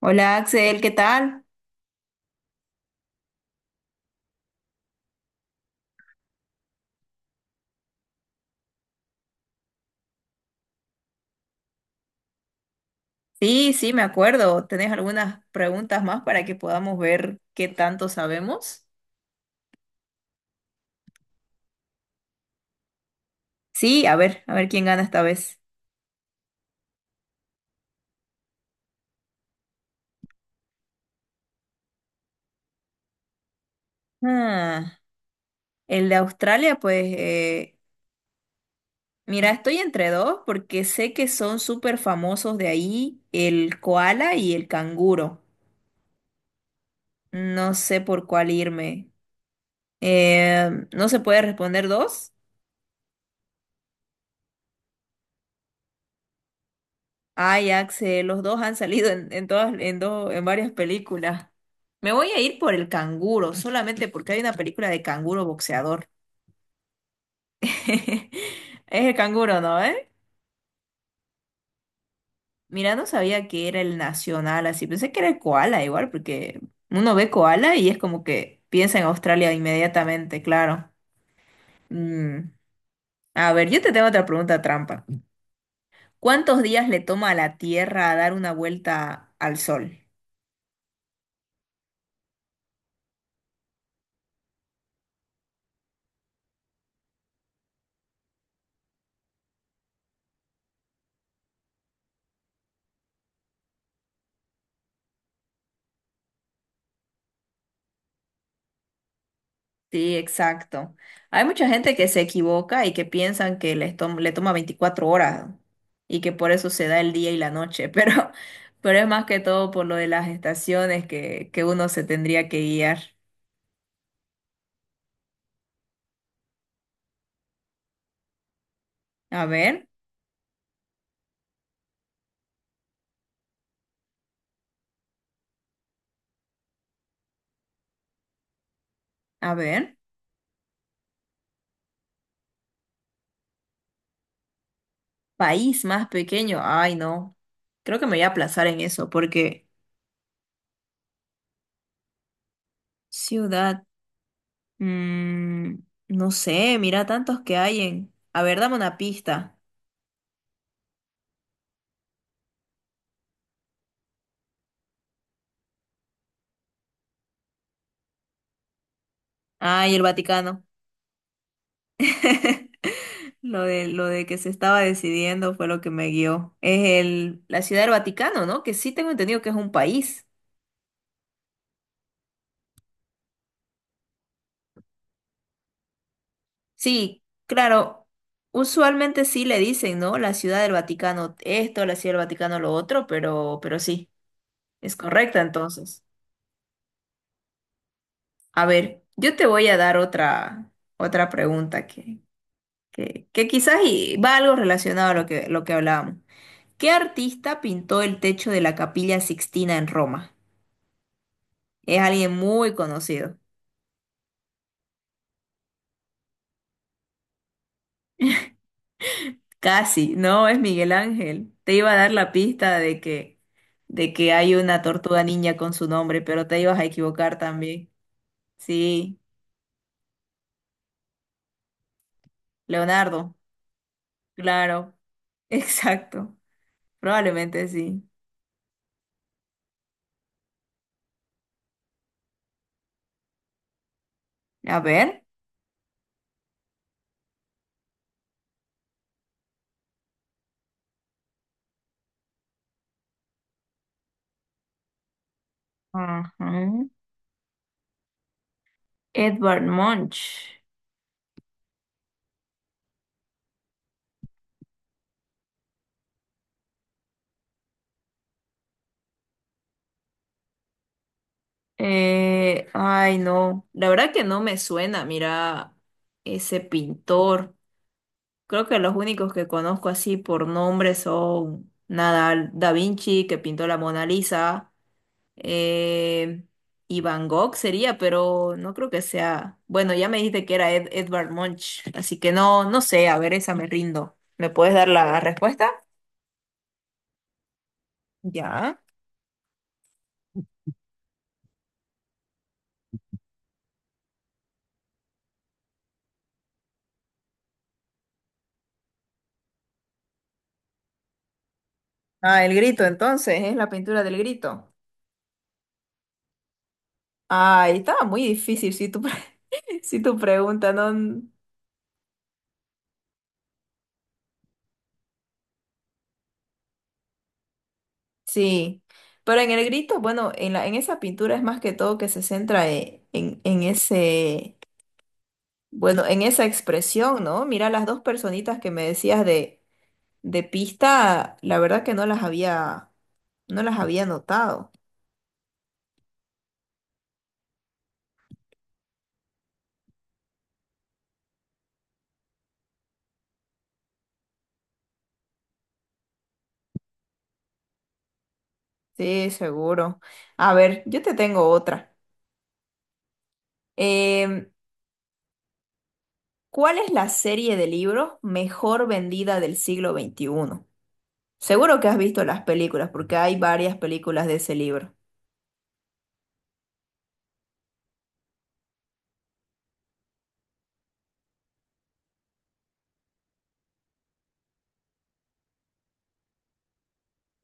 Hola Axel, ¿qué tal? Sí, sí, me acuerdo. ¿Tenés algunas preguntas más para que podamos ver qué tanto sabemos? Sí, a ver quién gana esta vez. Ah, el de Australia, pues, mira, estoy entre dos porque sé que son súper famosos de ahí, el koala y el canguro. No sé por cuál irme. ¿No se puede responder dos? Ay, Axel, los dos han salido en todas, en dos, en varias películas. Me voy a ir por el canguro, solamente porque hay una película de canguro boxeador. Es el canguro, ¿no? ¿Eh? Mira, no sabía que era el nacional así. Pensé que era el koala igual, porque uno ve koala y es como que piensa en Australia inmediatamente, claro. Mm. A ver, yo te tengo otra pregunta trampa. ¿Cuántos días le toma a la Tierra a dar una vuelta al Sol? Sí, exacto. Hay mucha gente que se equivoca y que piensan que les le toma 24 horas y que por eso se da el día y la noche, pero es más que todo por lo de las estaciones que uno se tendría que guiar. A ver, a ver, país más pequeño. Ay, no. Creo que me voy a aplazar en eso porque ciudad, mm, no sé, mira tantos que hay en... A ver, dame una pista. Ay, el Vaticano. Lo de que se estaba decidiendo fue lo que me guió. Es el, la Ciudad del Vaticano, ¿no? Que sí tengo entendido que es un país. Sí, claro. Usualmente sí le dicen, ¿no? La Ciudad del Vaticano esto, la Ciudad del Vaticano lo otro, pero sí, es correcta entonces. A ver, yo te voy a dar otra, pregunta que quizás y va algo relacionado a lo que hablábamos. ¿Qué artista pintó el techo de la Capilla Sixtina en Roma? Es alguien muy conocido. Casi, no es Miguel Ángel. Te iba a dar la pista de que hay una tortuga niña con su nombre, pero te ibas a equivocar también. Sí, Leonardo, claro, exacto. Probablemente sí. A ver. Ajá. Edvard Munch. Ay, no. La verdad que no me suena, mira, ese pintor. Creo que los únicos que conozco así por nombre son Nadal, Da Vinci, que pintó la Mona Lisa, eh, y Van Gogh sería, pero no creo que sea. Bueno, ya me dijiste que era Edvard Munch, así que no, no sé, a ver, esa me rindo. ¿Me puedes dar la respuesta? Ya. Ah, el grito, entonces, es la pintura del grito. Ay, estaba muy difícil si tu pregunta no. Sí, pero en el grito, bueno, en esa pintura es más que todo que se centra en ese, bueno, en esa expresión, ¿no? Mira, las dos personitas que me decías de pista, la verdad que no las había notado. Sí, seguro. A ver, yo te tengo otra. Em, ¿cuál es la serie de libros mejor vendida del siglo XXI? Seguro que has visto las películas, porque hay varias películas de ese libro.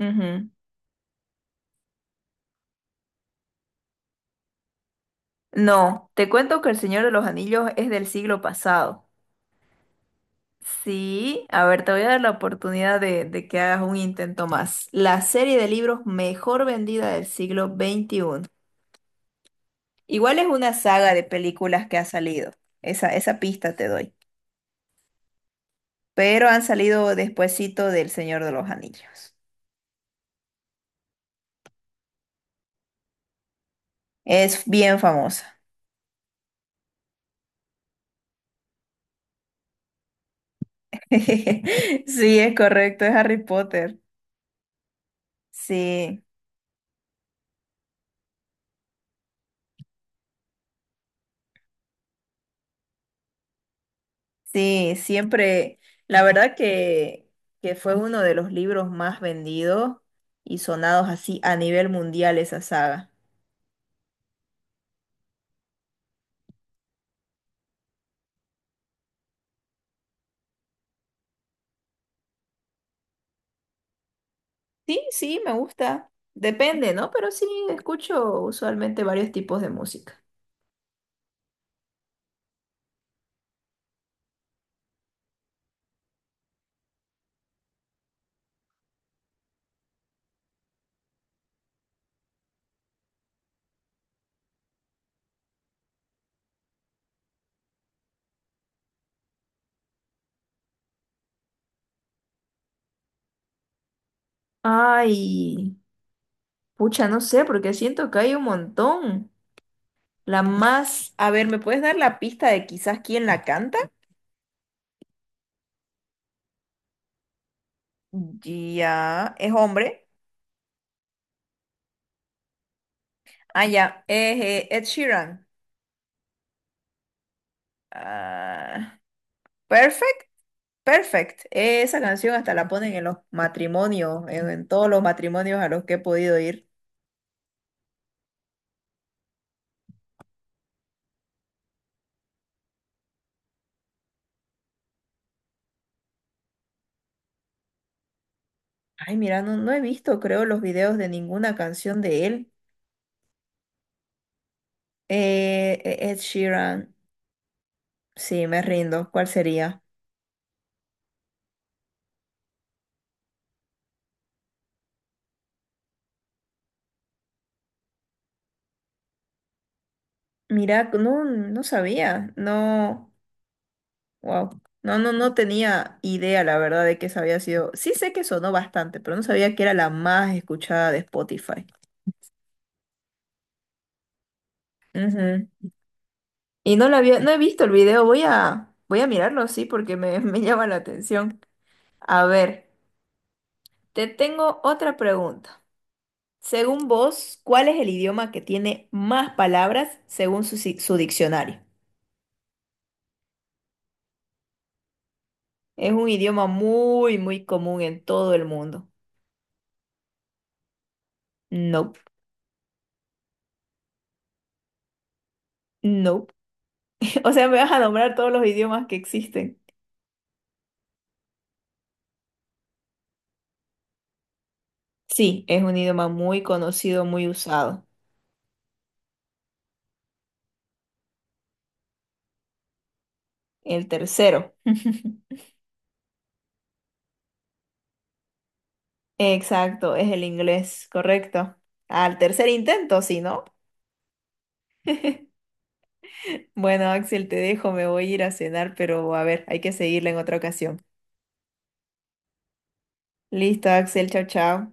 Ujú. No, te cuento que El Señor de los Anillos es del siglo pasado. Sí, a ver, te voy a dar la oportunidad de que hagas un intento más. La serie de libros mejor vendida del siglo XXI. Igual es una saga de películas que ha salido. Esa pista te doy. Pero han salido despuesito del Señor de los Anillos. Es bien famosa. Sí, es correcto, es Harry Potter. Sí. Sí, siempre, la verdad que fue uno de los libros más vendidos y sonados así a nivel mundial esa saga. Sí, sí, me gusta. Depende, ¿no? Pero sí, escucho usualmente varios tipos de música. Ay, pucha, no sé, porque siento que hay un montón. La más, a ver, ¿me puedes dar la pista de quizás quién la canta? Ya, es hombre. Ah, ya, es Ed Sheeran. Ah, Perfect. Perfect. Esa canción hasta la ponen en los matrimonios, en todos los matrimonios a los que he podido ir. Ay, mira, no, no he visto, creo, los videos de ninguna canción de él. Ed Sheeran. Sí, me rindo. ¿Cuál sería? Mira, no, no sabía. No, wow. No, no, no tenía idea, la verdad, de que esa había sido. Sí sé que sonó bastante, pero no sabía que era la más escuchada de Spotify. Ujú. Y no he visto el video, voy a mirarlo, sí, porque me llama la atención. A ver, te tengo otra pregunta. Según vos, ¿cuál es el idioma que tiene más palabras según su, si- su diccionario? Es un idioma muy, muy común en todo el mundo. No, no. O sea, me vas a nombrar todos los idiomas que existen. Sí, es un idioma muy conocido, muy usado. El tercero. Exacto, es el inglés, correcto. Al tercer intento, sí, ¿no? Bueno, Axel, te dejo, me voy a ir a cenar, pero a ver, hay que seguirla en otra ocasión. Listo, Axel, chao, chao.